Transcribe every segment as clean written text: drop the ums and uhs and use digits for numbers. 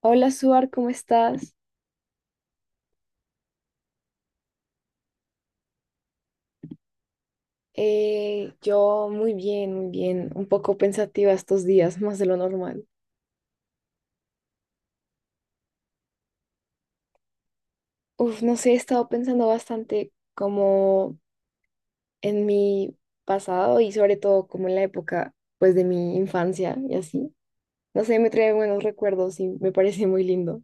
Hola, Suar, ¿cómo estás? Yo muy bien, un poco pensativa estos días, más de lo normal. Uf, no sé, he estado pensando bastante como en mi pasado y sobre todo como en la época pues de mi infancia y así. No sé, me trae buenos recuerdos y me parece muy lindo.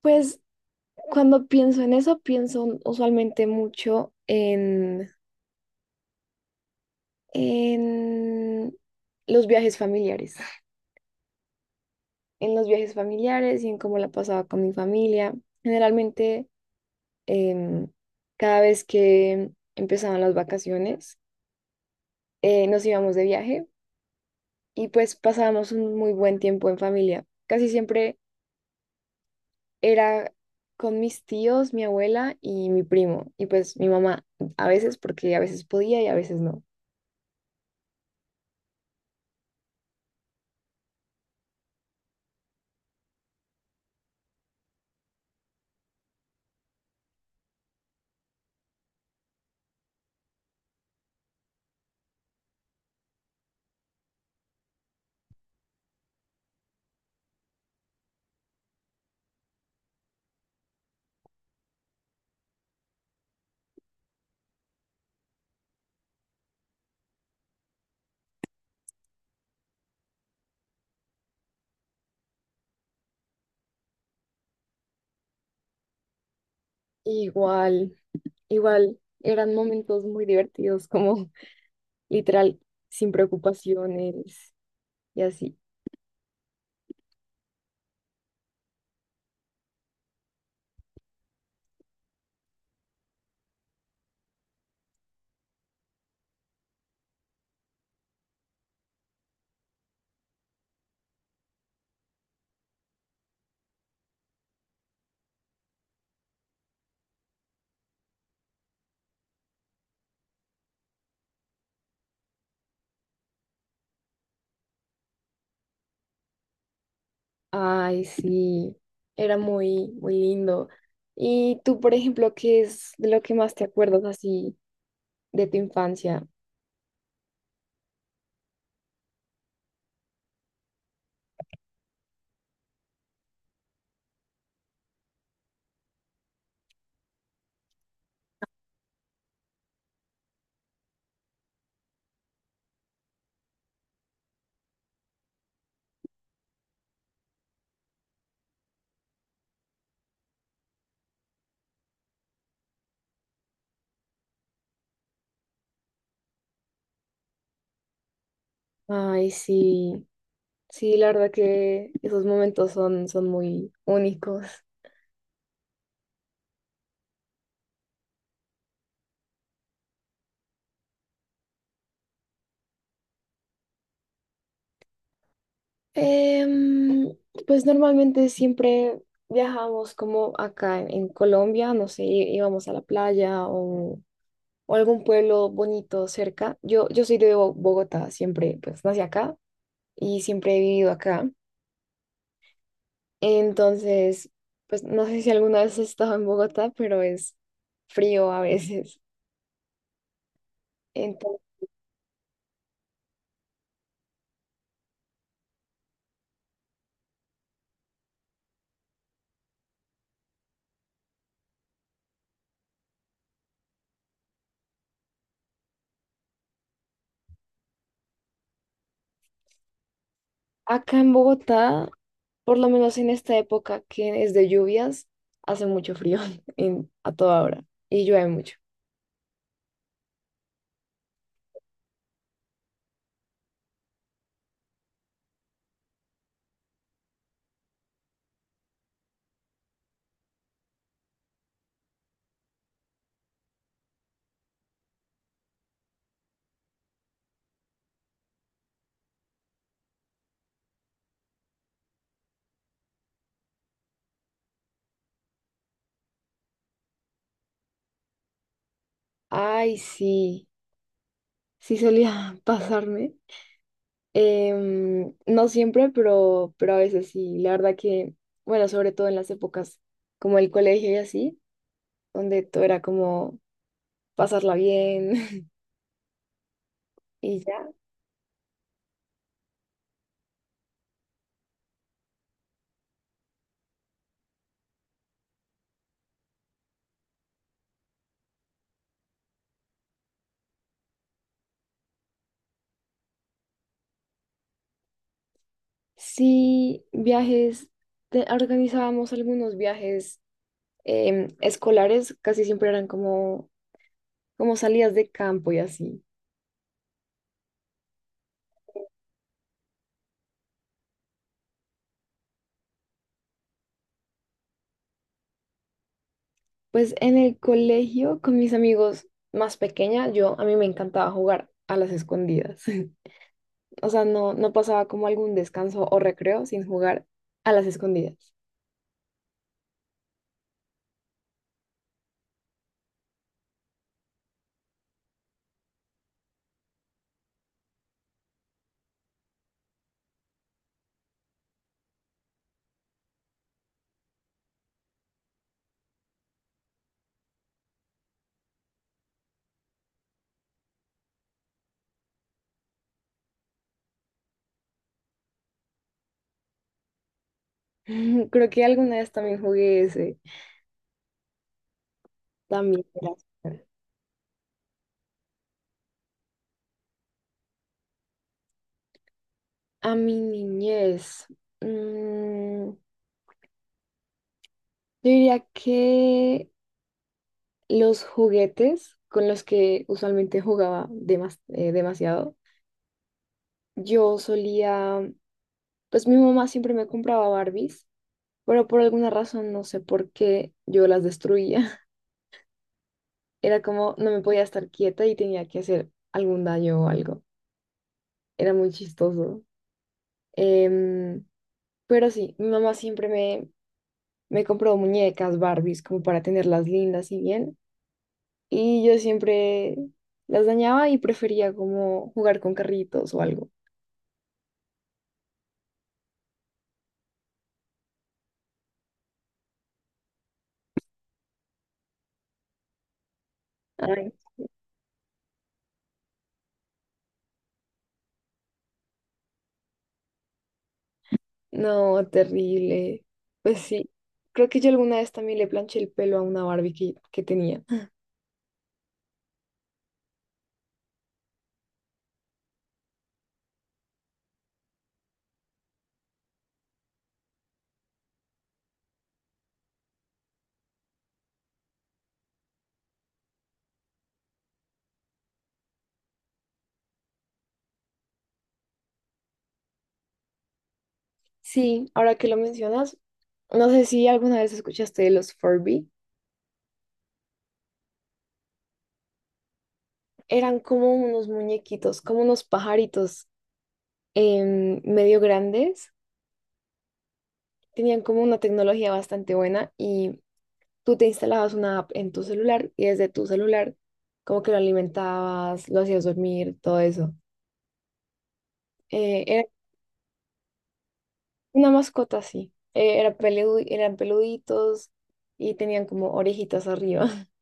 Pues cuando pienso en eso, pienso usualmente mucho en los viajes familiares. En los viajes familiares y en cómo la pasaba con mi familia. Generalmente, em, cada vez que empezaban las vacaciones, nos íbamos de viaje y pues pasábamos un muy buen tiempo en familia. Casi siempre era con mis tíos, mi abuela y mi primo, y pues mi mamá a veces, porque a veces podía y a veces no. Igual, igual, eran momentos muy divertidos, como literal, sin preocupaciones y así. Ay, sí, era muy, muy lindo. Y tú, por ejemplo, ¿qué es de lo que más te acuerdas así de tu infancia? Ay, sí, sí, la verdad que esos momentos son, son muy únicos. Em, pues normalmente siempre viajamos como acá en Colombia, no sé, íbamos a la playa o algún pueblo bonito cerca. Yo soy de Bogotá, siempre, pues nací acá y siempre he vivido acá. Entonces, pues no sé si alguna vez has estado en Bogotá, pero es frío a veces. Entonces, acá en Bogotá, por lo menos en esta época que es de lluvias, hace mucho frío a toda hora y llueve mucho. Ay, sí, sí solía pasarme. No siempre, pero a veces sí. La verdad que, bueno, sobre todo en las épocas como el colegio y así, donde todo era como pasarla bien y ya. Sí, viajes, organizábamos algunos viajes escolares, casi siempre eran como, como salidas de campo y así. Pues en el colegio con mis amigos más pequeña, yo a mí me encantaba jugar a las escondidas. O sea, no, no pasaba como algún descanso o recreo sin jugar a las escondidas. Creo que alguna vez también jugué ese, también era súper. A mi niñez, mm, yo diría que los juguetes con los que usualmente jugaba demasiado. Yo solía, pues mi mamá siempre me compraba Barbies, pero por alguna razón, no sé por qué, yo las destruía. Era como, no me podía estar quieta y tenía que hacer algún daño o algo. Era muy chistoso. Em, pero sí, mi mamá siempre me, me compró muñecas Barbies como para tenerlas lindas y bien. Y yo siempre las dañaba y prefería como jugar con carritos o algo. No, terrible. Pues sí, creo que yo alguna vez también le planché el pelo a una Barbie que tenía. Sí, ahora que lo mencionas, no sé si alguna vez escuchaste de los Furby. Eran como unos muñequitos, como unos pajaritos medio grandes. Tenían como una tecnología bastante buena y tú te instalabas una app en tu celular y desde tu celular como que lo alimentabas, lo hacías dormir, todo eso. Una mascota, sí. Era eran peluditos y tenían como orejitas arriba.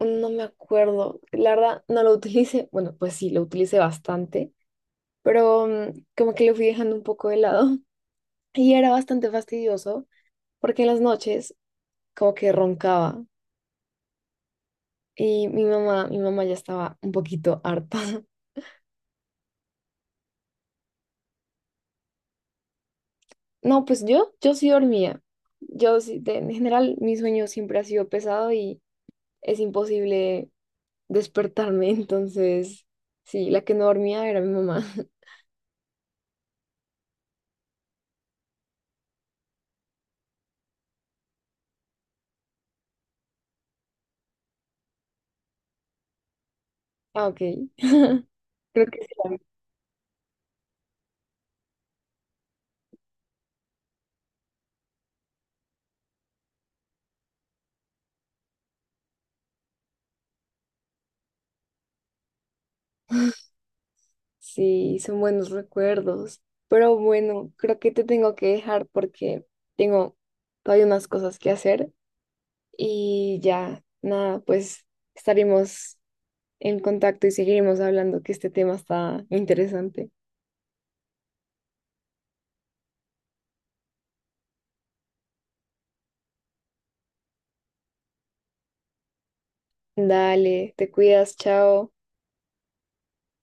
No me acuerdo. La verdad, no lo utilicé. Bueno, pues sí, lo utilicé bastante, pero mm, como que lo fui dejando un poco de lado. Y era bastante fastidioso porque en las noches como que roncaba y mi mamá ya estaba un poquito harta. No, pues yo sí dormía. Yo sí, en general, mi sueño siempre ha sido pesado y es imposible despertarme, entonces, sí, la que no dormía era mi mamá. Ah, ok. Creo que sí, sí, son buenos recuerdos. Pero bueno, creo que te tengo que dejar porque tengo todavía unas cosas que hacer y ya, nada, pues estaremos en contacto y seguiremos hablando que este tema está interesante. Dale, te cuidas, chao.